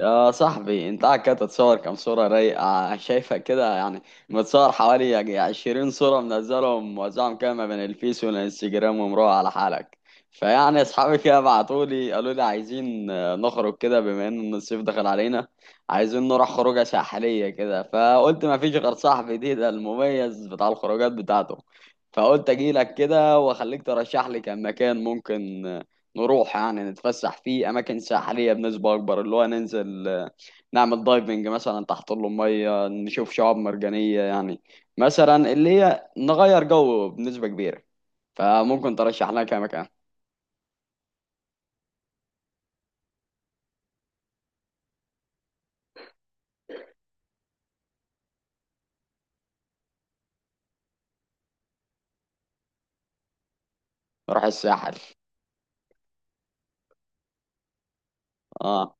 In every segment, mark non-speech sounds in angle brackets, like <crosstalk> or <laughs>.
يا صاحبي، انت قاعد كده تتصور كام صورة رايقة؟ شايفة كده يعني متصور حوالي يعني 20 صورة، منزلهم موزعهم كده ما بين الفيس والانستجرام ومروح على حالك. فيعني اصحابي كده بعتولي قالوا لي عايزين نخرج كده، بما ان الصيف دخل علينا، عايزين نروح خروجة ساحلية كده. فقلت ما فيش غير صاحبي ده المميز بتاع الخروجات بتاعته، فقلت اجيلك كده واخليك ترشح لي كم مكان ممكن نروح يعني نتفسح في اماكن ساحليه بنسبه اكبر، اللي هو ننزل نعمل دايفنج مثلا تحت الميه، نشوف شعاب مرجانيه يعني، مثلا اللي هي نغير جو بنسبه كبيره. فممكن ترشح لنا كام مكان؟ نروح الساحل. اه.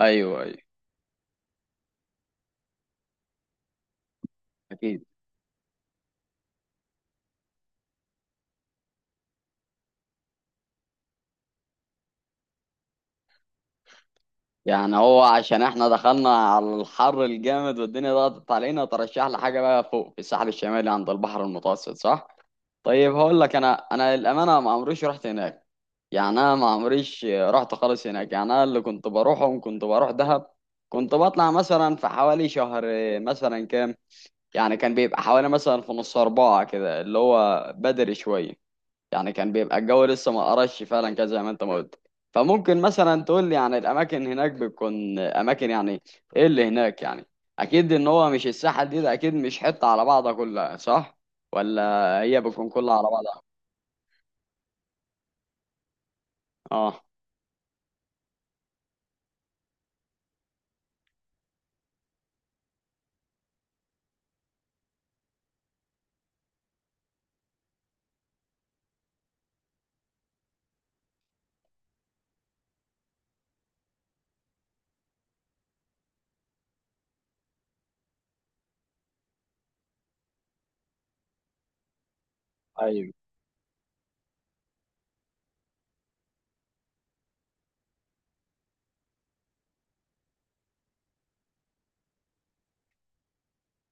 ايوه، ايوه. اكيد. يعني هو عشان احنا دخلنا على الحر الجامد، والدنيا ضغطت علينا، ترشح لي حاجه بقى فوق في الساحل الشمالي عند البحر المتوسط، صح؟ طيب هقول لك، انا للامانه ما عمريش رحت هناك، يعني انا ما عمريش رحت خالص هناك. يعني انا اللي كنت بروحهم كنت بروح دهب، كنت بطلع مثلا في حوالي شهر، مثلا كام، يعني كان بيبقى حوالي مثلا في نص أربعة كده، اللي هو بدري شوية، يعني كان بيبقى الجو لسه ما قرش فعلا، كده زي ما انت ما قلت. فممكن مثلا تقول لي يعني الأماكن هناك بتكون أماكن يعني إيه اللي هناك؟ يعني أكيد إن هو مش الساحل ده أكيد مش حتة على بعضها كلها، صح؟ ولا هي بتكون كلها على بعضها؟ آه. ايوه.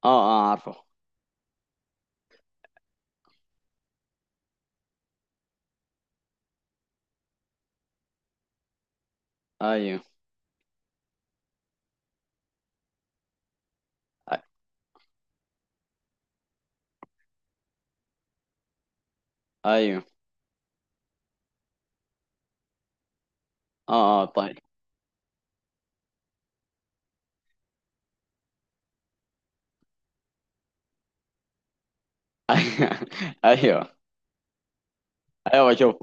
آه آه، عارفه. أيوه. ايوه. اه اه، طيب. <laughs> ايوه. ايوه، بشوف.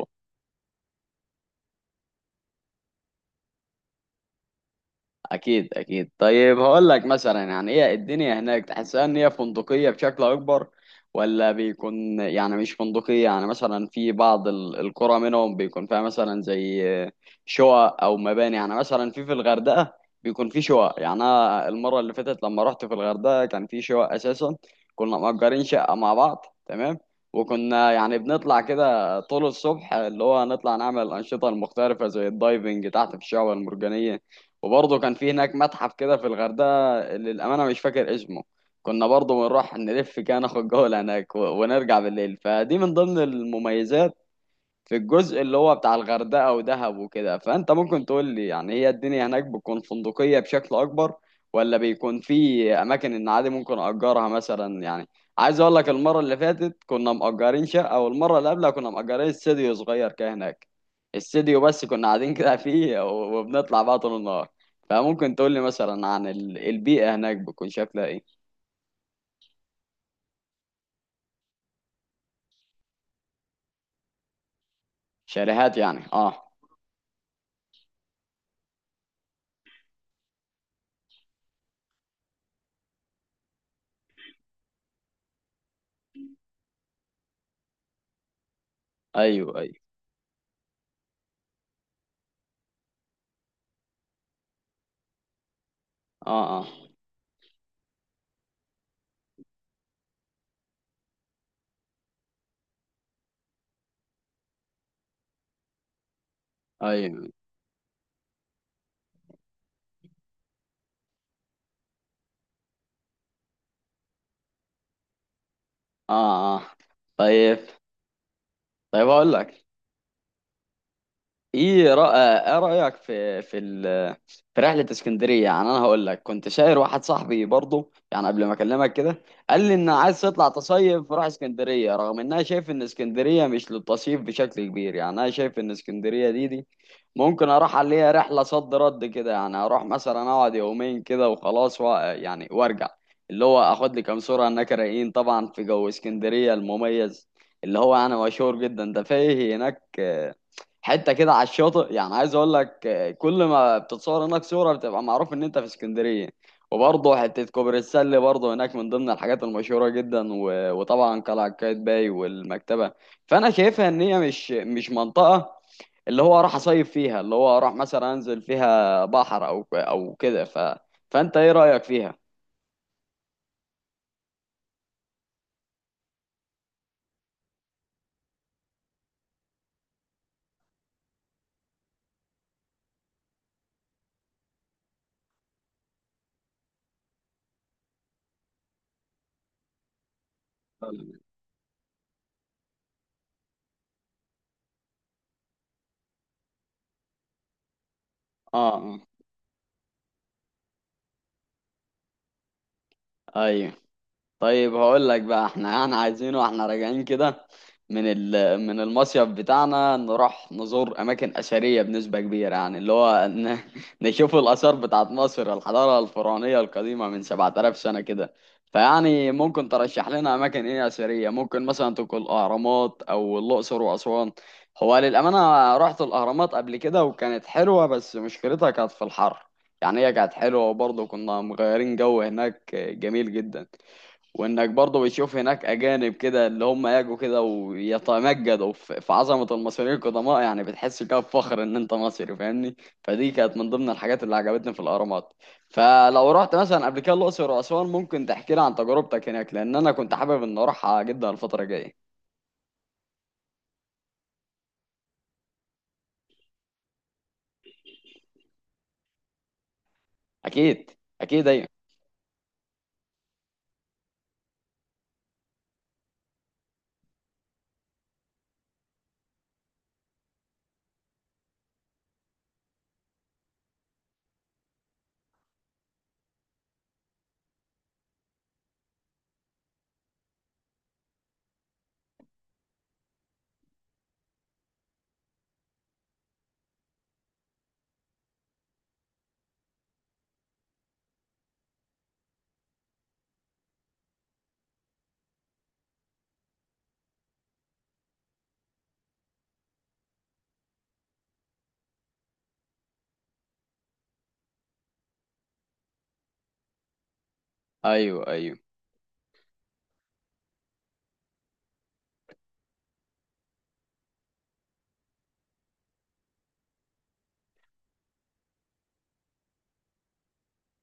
اكيد اكيد. طيب هقول لك مثلا، يعني ايه الدنيا هناك؟ تحسها ان هي فندقيه بشكل اكبر؟ ولا بيكون يعني مش فندقيه؟ يعني مثلا في بعض القرى منهم بيكون فيها مثلا زي شقق او مباني، يعني مثلا في الغردقه بيكون في شقق. يعني انا المره اللي فاتت لما رحت في الغردقه كان في شقق اساسا، كنا مأجرين شقه مع بعض، تمام؟ وكنا يعني بنطلع كده طول الصبح، اللي هو نطلع نعمل الأنشطة المختلفة زي الدايفنج تحت في الشعاب المرجانية. وبرضه كان في هناك متحف كده في الغردقة، اللي للأمانة مش فاكر اسمه، كنا برضه بنروح نلف كده، ناخد جولة هناك ونرجع بالليل. فدي من ضمن المميزات في الجزء اللي هو بتاع الغردقة ودهب وكده. فأنت ممكن تقول لي يعني هي الدنيا هناك بتكون فندقية بشكل أكبر؟ ولا بيكون في أماكن إن عادي ممكن أجرها مثلا؟ يعني عايز أقول لك، المرة اللي فاتت كنا مأجرين شقة، والمرة اللي قبلها كنا مأجرين استديو صغير كده هناك، استديو بس، كنا قاعدين كده فيه وبنطلع بقى طول النهار. فممكن تقول لي مثلا عن البيئة هناك بتكون شكلها إيه؟ شاليهات يعني، أه. أيوه أيوه. أه أه. أيوه. أه أه، طيب. طيب هقول لك، ايه رأيك في رحلة اسكندرية؟ يعني انا هقول لك، كنت شاير واحد صاحبي برضه، يعني قبل ما اكلمك كده قال لي ان عايز تطلع تصيف روح اسكندرية، رغم ان انا شايف ان اسكندرية مش للتصيف بشكل كبير. يعني انا شايف ان اسكندرية دي ممكن اروح عليها رحلة صد رد كده، يعني اروح مثلا اقعد يومين كده وخلاص و... يعني وارجع، اللي هو اخد لي كام صورة هناك رايقين طبعا في جو اسكندرية المميز، اللي هو انا مشهور جدا ده فيه هناك، حته كده على الشاطئ. يعني عايز اقول لك، كل ما بتتصور هناك صوره بتبقى معروف ان انت في اسكندريه. وبرضه حته كوبري السله برضه هناك من ضمن الحاجات المشهوره جدا، وطبعا قلعه قايتباي والمكتبه. فانا شايفها ان هي مش منطقه اللي هو اروح اصيف فيها، اللي هو اروح مثلا انزل فيها بحر او كده ف فانت ايه رايك فيها؟ اه اه، ايوه. طيب هقول لك بقى، احنا يعني عايزين واحنا راجعين كده من ال... من المصيف بتاعنا نروح نزور اماكن اثريه بنسبه كبيره، يعني اللي هو <laughs> نشوف الاثار بتاعت مصر، الحضاره الفرعونيه القديمه من 7,000 سنه كده. فيعني ممكن ترشح لنا اماكن ايه اثريه؟ ممكن مثلا تكون الاهرامات او الاقصر واسوان. هو للامانه رحت الاهرامات قبل كده وكانت حلوه، بس مشكلتها كانت في الحر. يعني هي كانت حلوه، وبرضه كنا مغيرين جو هناك جميل جدا، وانك برضه بتشوف هناك اجانب كده، اللي هم يجوا كده ويتمجدوا في عظمه المصريين القدماء. يعني بتحس كده بفخر ان انت مصري، فاهمني؟ فدي كانت من ضمن الحاجات اللي عجبتني في الاهرامات. فلو رحت مثلا قبل كده الاقصر واسوان ممكن تحكي لي عن تجربتك هناك، لان انا كنت حابب ان اروحها جدا الفتره الجايه. اكيد اكيد. ايوه ايوه ايوه.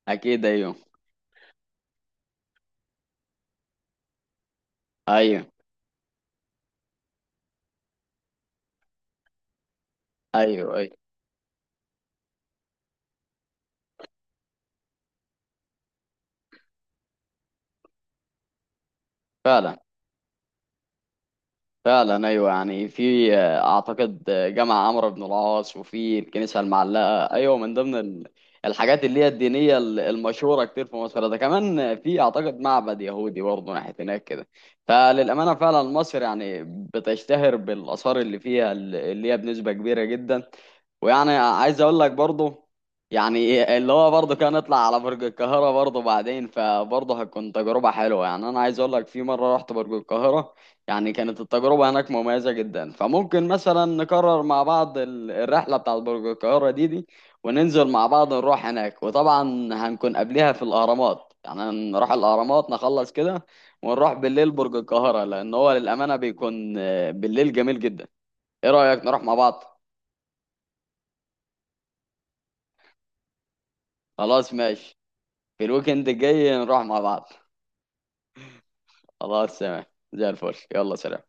اكيد. ايوه ايوه. ايوه ايوه. فعلا. فعلا ايوه. يعني في اعتقد جامع عمرو بن العاص، وفي الكنيسه المعلقه، ايوه، من ضمن الحاجات اللي هي الدينيه المشهوره كتير في مصر. ده كمان في اعتقد معبد يهودي برضه ناحيه هناك كده. فللامانه فعلا مصر يعني بتشتهر بالاثار اللي فيها، اللي هي بنسبه كبيره جدا. ويعني عايز اقول لك برضه، يعني اللي هو برضه كان نطلع على برج القاهره برضه بعدين، فبرضه هتكون تجربه حلوه. يعني انا عايز اقول لك في مره رحت برج القاهره، يعني كانت التجربة هناك مميزة جدا. فممكن مثلا نكرر مع بعض الرحلة بتاعت برج القاهرة دي وننزل مع بعض نروح هناك. وطبعا هنكون قبلها في الأهرامات، يعني نروح الأهرامات نخلص كده، ونروح بالليل برج القاهرة، لأن هو للأمانة بيكون بالليل جميل جدا. إيه رأيك نروح مع بعض؟ خلاص، ماشي. في الويكند الجاي نروح مع بعض. خلاص، تمام. زي الفل، يلا، سلام.